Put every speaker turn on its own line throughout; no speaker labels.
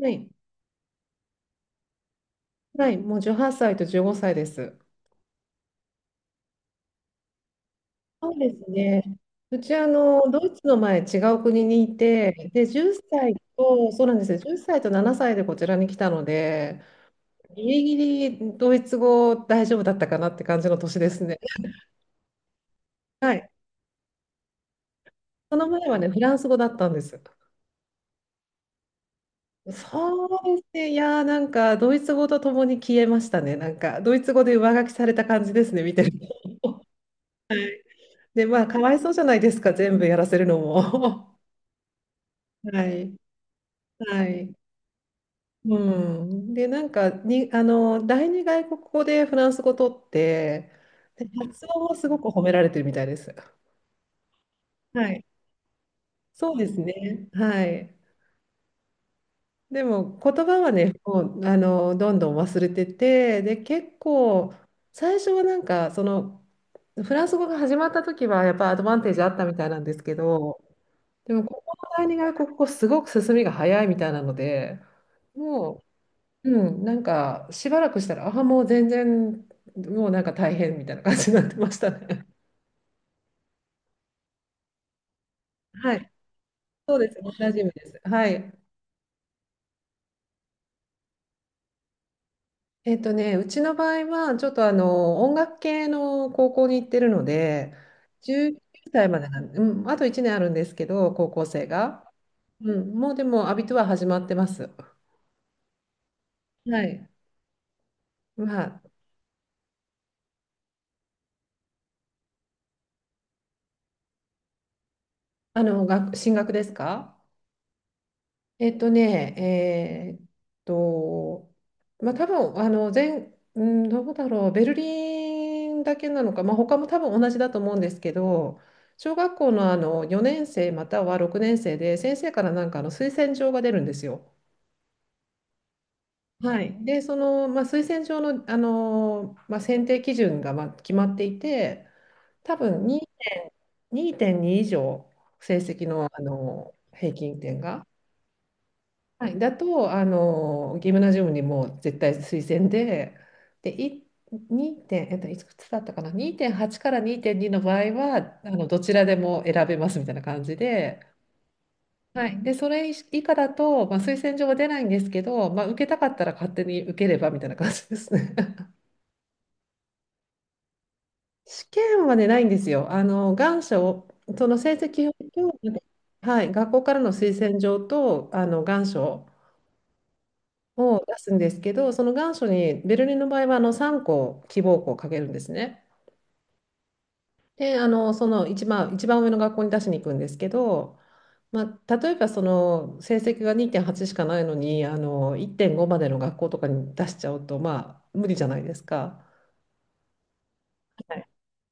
はい、はい、もう18歳と15歳です。そうですね。うち、ドイツの前、違う国にいて、で、10歳と、そうなんですよ、歳と7歳でこちらに来たので、ギリギリドイツ語大丈夫だったかなって感じの年ですね。はい。その前はね、フランス語だったんです。そうですね、いやー、なんか、ドイツ語とともに消えましたね。なんか、ドイツ語で上書きされた感じですね、見てると。で、まあ、かわいそうじゃないですか、全部やらせるのも。はい。はい。うん、でなんかにあの第二外国語でフランス語取ってで発音はすごく褒められてるみたいです。はい、そうですね。はい。でも言葉はね、もうどんどん忘れてて、で結構最初はなんかそのフランス語が始まった時はやっぱアドバンテージあったみたいなんですけど、でもここの第二外国語すごく進みが早いみたいなので、もうう、なんかしばらくしたら、ああ、もう全然、もうなんか大変みたいな感じになってましたね。はい、そうです、同じです。はい。ね、うちの場合は、ちょっと音楽系の高校に行ってるので、19歳までなん、うん、あと1年あるんですけど、高校生が。うん、もうでも、アビトゥア始まってます。はい。まあ、学進学ですか？えっとね、えーっと、まあ多分あの全、うん、どうだろう、ベルリンだけなのか、まあ他も多分同じだと思うんですけど、小学校の、4年生または6年生で先生からなんか推薦状が出るんですよ。はい。で、その、まあ、推薦状の、まあ、選定基準がまあ決まっていて、多分2.2以上成績の、平均点が。はい、だと、ギムナジウムにもう絶対推薦で、で、2点、いくつだったかな、2.8から2.2の場合は、どちらでも選べますみたいな感じで、はい、で、それ以下だと、まあ、推薦状は出ないんですけど、まあ、受けたかったら勝手に受ければみたいな感じですね。試験はね、ないんですよ。願書を、その成績表と、はい、学校からの推薦状と、願書を出すんですけど、その願書にベルリンの場合は3校希望校をかけるんですね。で、その一番上の学校に出しに行くんですけど、まあ、例えばその成績が2.8しかないのに1.5までの学校とかに出しちゃうと、まあ、無理じゃないですか。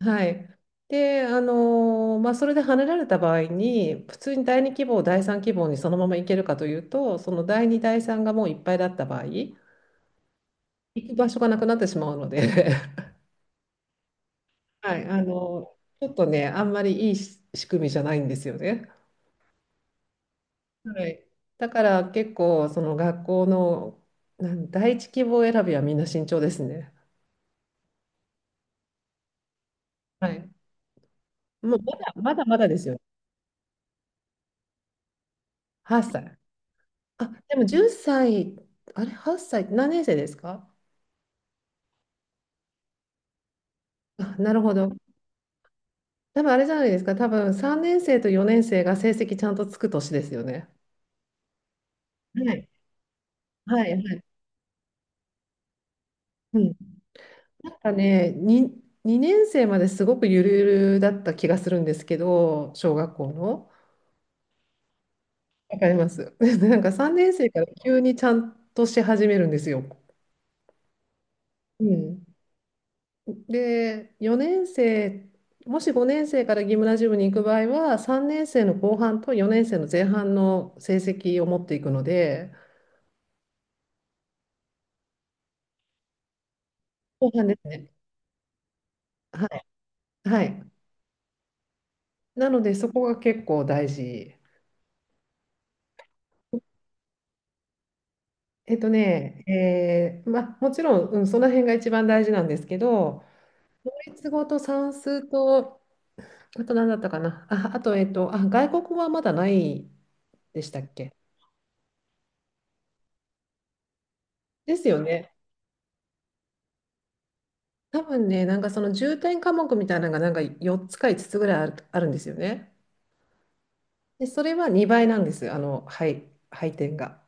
はい、で、まあ、それで跳ねられた場合に普通に第2希望第3希望にそのまま行けるかというとその第2第3がもういっぱいだった場合行く場所がなくなってしまうので、はい、ちょっとね、あんまりいいし仕組みじゃないんですよね。はい。だから結構、その学校の、第一希望選びはみんな慎重ですね。はい。もうまだまだまだですよ。8歳。あ、でも10歳、あれ、8歳、何年生ですか？あ、なるほど。多分あれじゃないですか。多分3年生と4年生が成績ちゃんとつく年ですよね。はい。はい、はい。うん。なんかね、2年生まですごくゆるゆるだった気がするんですけど、小学校の。わかります。なんか3年生から急にちゃんとし始めるんですよ。うん、で、4年生、もし5年生からギムナジウムに行く場合は、3年生の後半と4年生の前半の成績を持っていくので、後半ですね。はい。はい。なので、そこが結構大事。えっとね、えーまあ、もちろん、うん、その辺が一番大事なんですけど、ドイツ語と算数と、あと何だったかな。あ、あと、あ、外国語はまだないでしたっけ？ですよね。多分ね、なんかその重点科目みたいなのがなんか4つか5つつぐらいあるんですよね。で、それは2倍なんです。はい、配点が。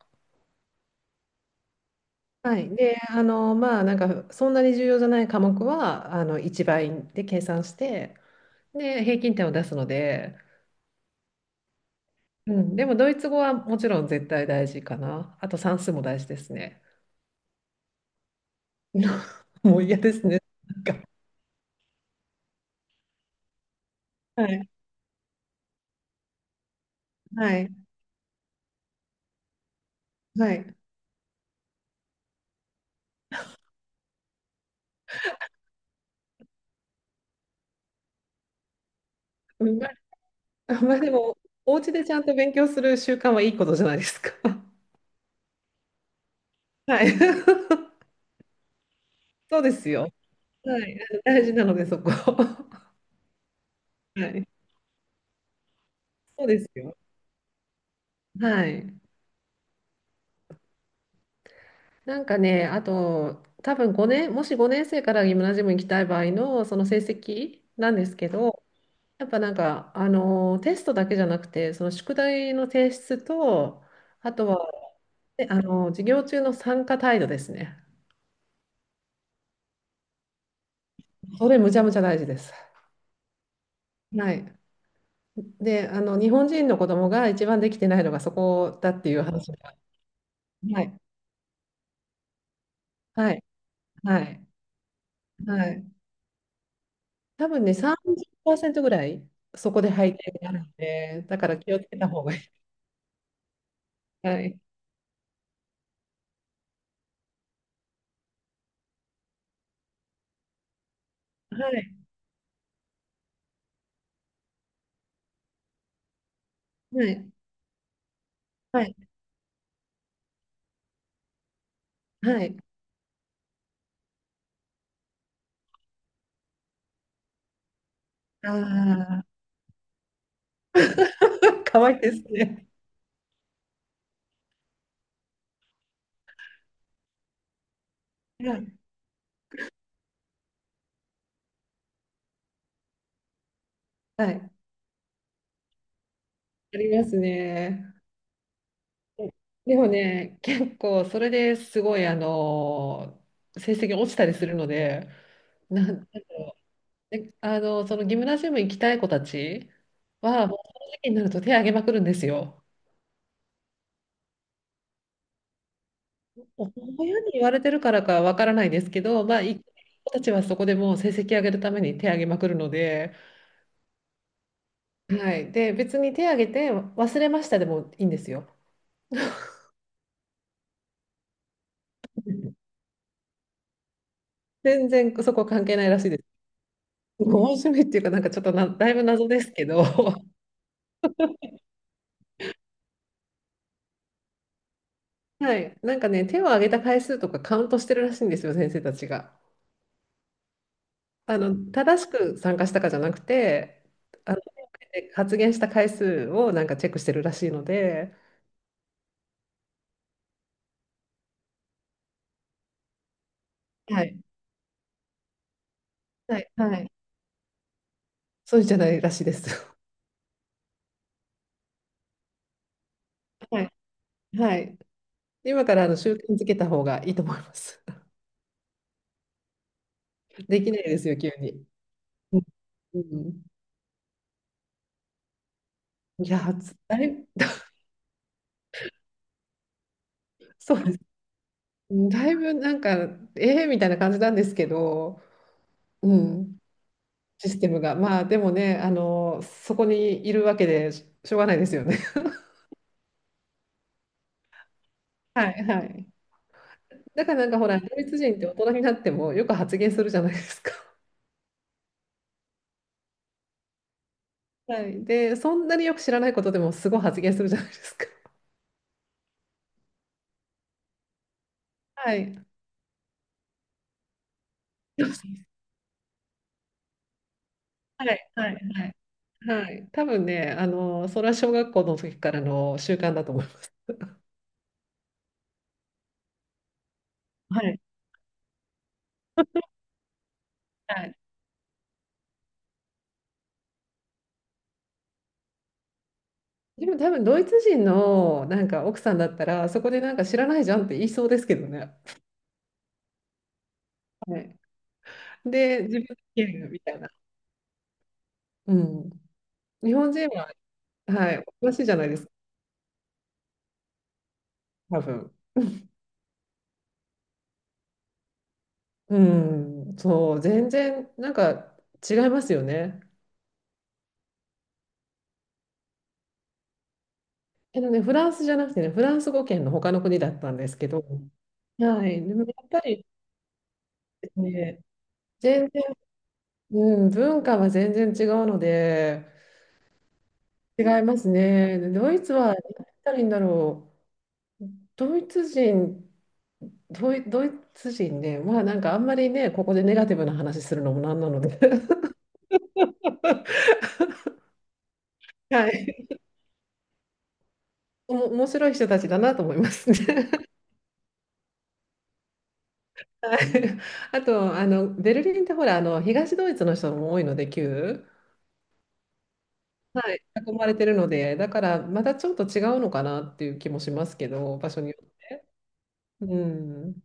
はい。で、まあ、なんかそんなに重要じゃない科目は、1倍で計算して、で、平均点を出すので、うん、でもドイツ語はもちろん絶対大事かな。あと算数も大事ですね。もう嫌ですね。はい、はい、はい。うんまあ、まあでも、お家でちゃんと勉強する習慣はいいことじゃないですか。はい。そうですよ。はい。大事なので、そこ。はい。そうですよ。はい。なんかね、あと、多分5年、もし5年生からギムナジウムに行きたい場合のその成績なんですけど、やっぱなんか、テストだけじゃなくて、その宿題の提出と、あとは、ね、授業中の参加態度ですね。それむちゃむちゃ大事です。はい。で、日本人の子供が一番できてないのがそこだっていう話が。はい。はい。はい。はい。多分ね、ーパーセントぐらいそこで背景があるので、だから気をつけた方がいい。はい。はい。はい。はい。はい。ああ、かわいいですね。はい。はい。ありますね。でもね、結構それですごい、成績落ちたりするので、な、で、そのギムナジウム行きたい子たちは、もうその時期になると手を挙げまくるんですよ。親に言われてるからかわからないですけど、まあ、行子たちはそこでもう成績上げるために手を挙げまくるので、はい。で、別に手を挙げて忘れましたでもいいんですよ。全然そこ関係ないらしいです。面しめっていうか、なんかちょっとだいぶ謎ですけど、はい。なんかね、手を挙げた回数とかカウントしてるらしいんですよ、先生たちが。正しく参加したかじゃなくて、あで発言した回数をなんかチェックしてるらしいので、はい、はい、はい、そうじゃないらしいです。はい、はい。今から習慣づけた方がいいと思います。できないですよ、急に。うんうんいや、だいぶ、そうです。だいぶなんか、ええみたいな感じなんですけど、うん、システムが。まあ、でもね、そこにいるわけでししょうがないですよね。はい、はい。だからなんかほら、ドイツ人って大人になってもよく発言するじゃないですか。はい。で、そんなによく知らないことでもすごい発言するじゃないですか。はい。そうそうはい、はい、はい。はい。多分ね、それは小学校の時からの習慣だと思います。はい。はい。でも多分ドイツ人のなんか奥さんだったら、そこでなんか知らないじゃんって言いそうですけどね。はい。で、自分で言えるみたいな。うん。日本人は、はい、おかしいじゃないですか、多分。うん。そう、全然なんか違いますよね。フランスじゃなくてね、フランス語圏の他の国だったんですけど、はい、でもやっぱりですね、全然、うん、文化は全然違うので、違いますね。でドイツは、何言ったらいいんだろう、ドイツ人ね、まあなんかあんまりね、ここでネガティブな話するのもなんなので、はい、面白い人たちだなと思いますね。はい、あと、ベルリンってほら、東ドイツの人も多いので、旧。はい。囲まれてるので、だからまたちょっと違うのかなっていう気もしますけど、場所によって。うん。